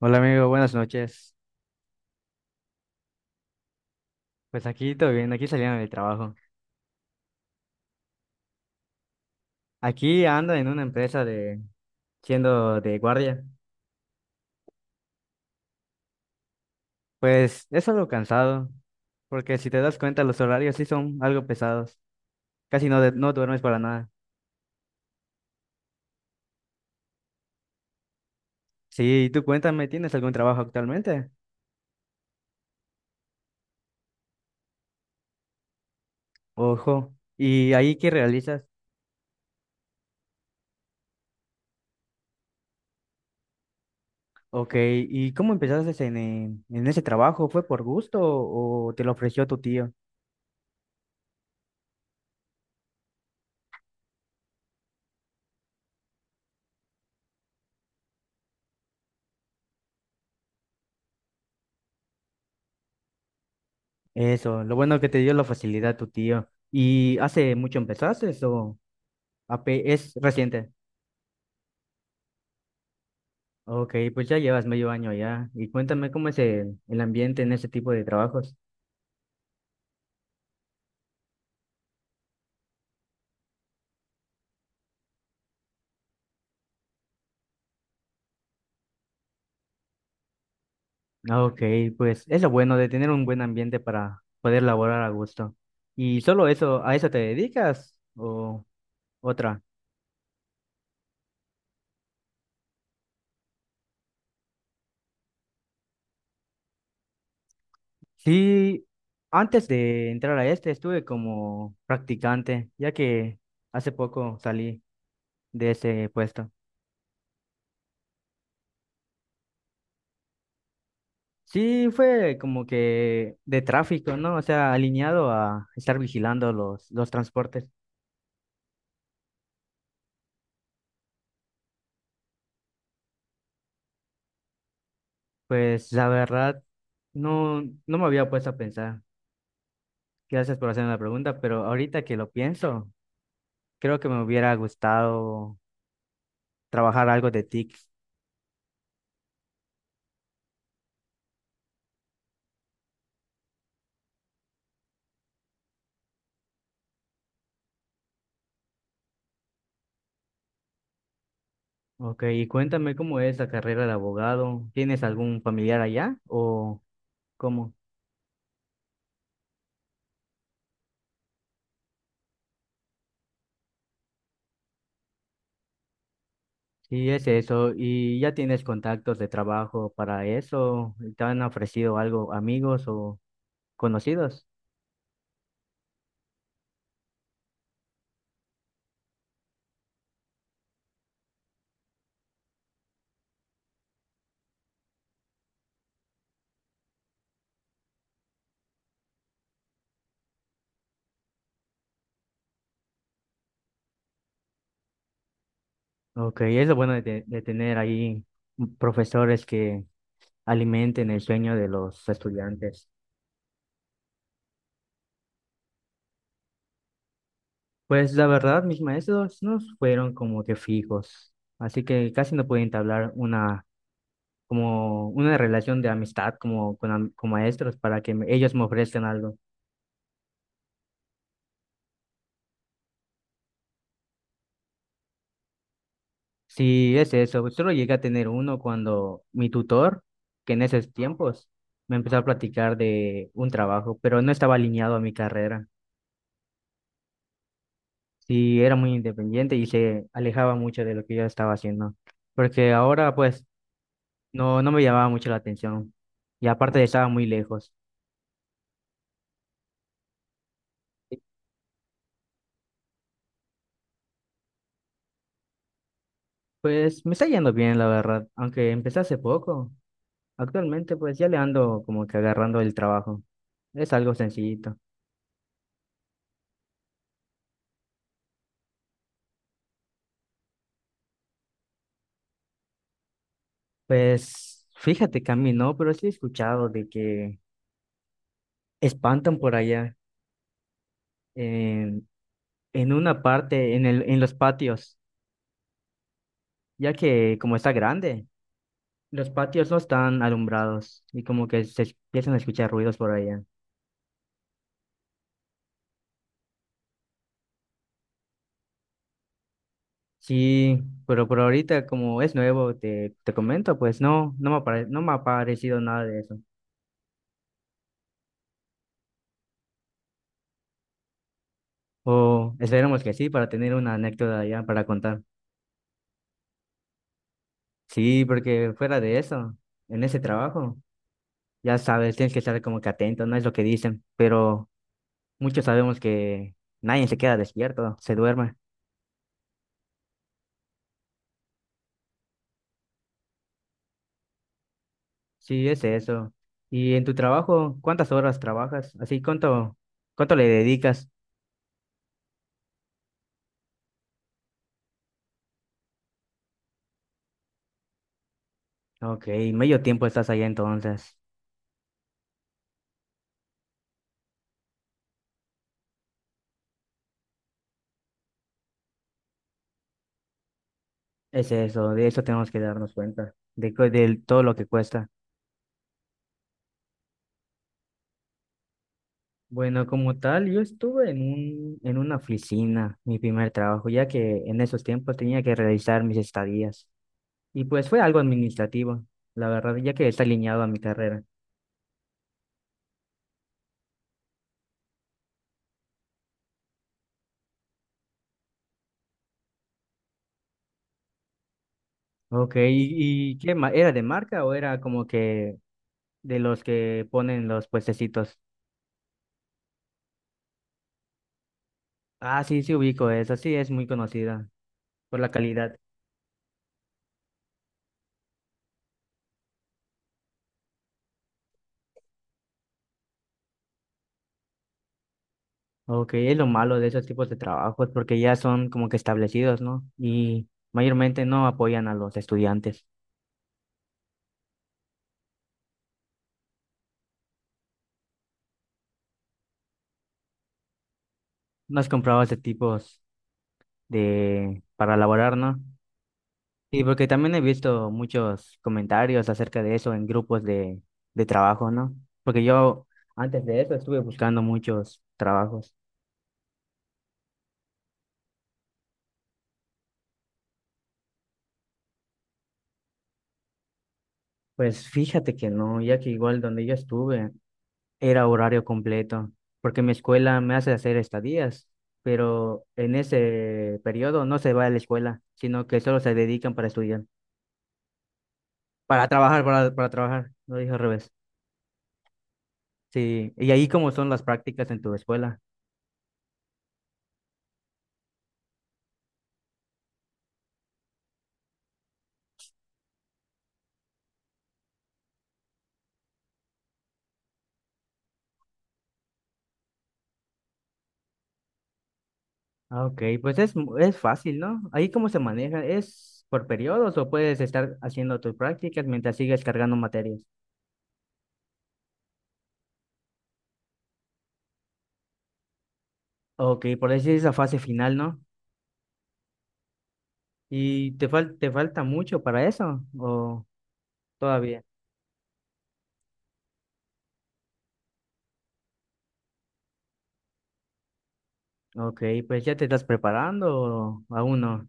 Hola amigo, buenas noches. Pues aquí todo bien, aquí saliendo del trabajo. Aquí ando en una empresa de siendo de guardia. Pues es algo cansado, porque si te das cuenta los horarios sí son algo pesados. Casi no, no duermes para nada. Sí, tú cuéntame, ¿tienes algún trabajo actualmente? Ojo, ¿y ahí qué realizas? Ok, ¿y cómo empezaste en ese trabajo? ¿Fue por gusto o te lo ofreció tu tío? Eso, lo bueno que te dio la facilidad tu tío. ¿Y hace mucho empezaste o...? A P es reciente. Ok, pues ya llevas medio año ya. Y cuéntame cómo es el ambiente en ese tipo de trabajos. Ah, ok, pues es lo bueno de tener un buen ambiente para poder laborar a gusto. ¿Y solo eso, a eso te dedicas o otra? Sí, antes de entrar a este estuve como practicante, ya que hace poco salí de ese puesto. Sí, fue como que de tráfico, ¿no? O sea, alineado a estar vigilando los transportes. Pues la verdad, no me había puesto a pensar. Gracias por hacerme la pregunta, pero ahorita que lo pienso, creo que me hubiera gustado trabajar algo de TIC. Ok, y cuéntame cómo es la carrera de abogado. ¿Tienes algún familiar allá o cómo? Sí, es eso. ¿Y ya tienes contactos de trabajo para eso? ¿Te han ofrecido algo amigos o conocidos? Ok, es lo bueno de, de tener ahí profesores que alimenten el sueño de los estudiantes. Pues la verdad, mis maestros no fueron como que fijos, así que casi no pude entablar una, como una relación de amistad como con, con maestros para que ellos me ofrezcan algo. Sí, es eso, solo llegué a tener uno cuando mi tutor, que en esos tiempos me empezó a platicar de un trabajo, pero no estaba alineado a mi carrera. Sí, era muy independiente y se alejaba mucho de lo que yo estaba haciendo, porque ahora pues no me llamaba mucho la atención y aparte estaba muy lejos. Pues me está yendo bien, la verdad, aunque empecé hace poco. Actualmente, pues ya le ando como que agarrando el trabajo. Es algo sencillito. Pues fíjate que a mí no, pero sí he escuchado de que espantan por allá en, en una parte, en el, en los patios, ya que como está grande, los patios no están alumbrados y como que se empiezan a escuchar ruidos por allá. Sí, pero por ahorita como es nuevo, te comento, pues no, no me ha parecido nada de eso. O esperemos que sí, para tener una anécdota ya para contar. Sí, porque fuera de eso, en ese trabajo, ya sabes, tienes que estar como que atento, no es lo que dicen, pero muchos sabemos que nadie se queda despierto, se duerme. Sí, es eso. Y en tu trabajo, ¿cuántas horas trabajas? Así, ¿cuánto, cuánto le dedicas? Ok, medio tiempo estás allá entonces. Es eso, de eso tenemos que darnos cuenta, de, de todo lo que cuesta. Bueno, como tal, yo estuve en un, en una oficina, mi primer trabajo, ya que en esos tiempos tenía que realizar mis estadías. Y pues fue algo administrativo, la verdad, ya que está alineado a mi carrera. Ok, y qué ¿Era de marca o era como que de los que ponen los puestecitos? Ah, sí, sí, ubico eso, sí, es muy conocida por la calidad. Ok, es lo malo de esos tipos de trabajos, porque ya son como que establecidos, ¿no? Y mayormente no apoyan a los estudiantes. ¿No has comprado ese tipo? De, para elaborar, ¿no? Y porque también he visto muchos comentarios acerca de eso en grupos de trabajo, ¿no? Porque yo antes de eso estuve buscando muchos trabajos. Pues fíjate que no, ya que igual donde yo estuve era horario completo, porque mi escuela me hace hacer estadías, pero en ese periodo no se va a la escuela, sino que solo se dedican para estudiar, para trabajar, lo dije al revés. Sí, y ahí cómo son las prácticas en tu escuela. Ah, ok, pues es, es fácil, ¿no? Ahí cómo se maneja, ¿es por periodos o puedes estar haciendo tus prácticas mientras sigues cargando materias? Ok, por decir esa fase final, ¿no? ¿Y te falta mucho para eso o todavía? Ok, pues ya te estás preparando o aún no.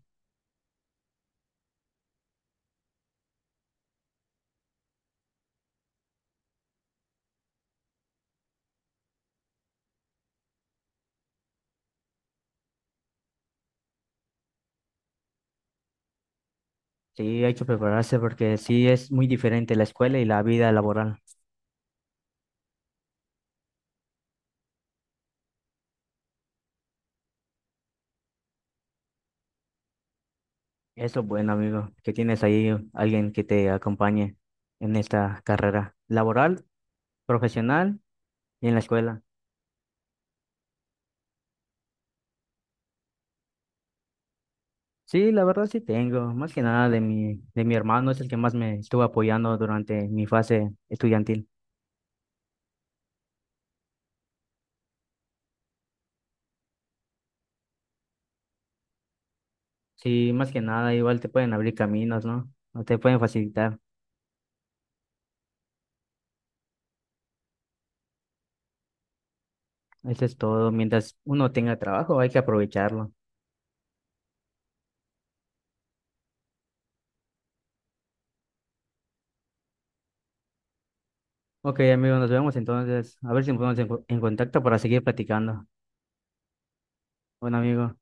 Sí, hay que prepararse porque sí es muy diferente la escuela y la vida laboral. Eso es bueno, amigo, que tienes ahí alguien que te acompañe en esta carrera laboral, profesional y en la escuela. Sí, la verdad sí tengo, más que nada de mi, de mi hermano, es el que más me estuvo apoyando durante mi fase estudiantil. Sí, más que nada, igual te pueden abrir caminos, ¿no? O te pueden facilitar. Eso es todo. Mientras uno tenga trabajo, hay que aprovecharlo. Ok, amigo, nos vemos entonces. A ver si nos ponemos en, en contacto para seguir platicando. Bueno, amigo.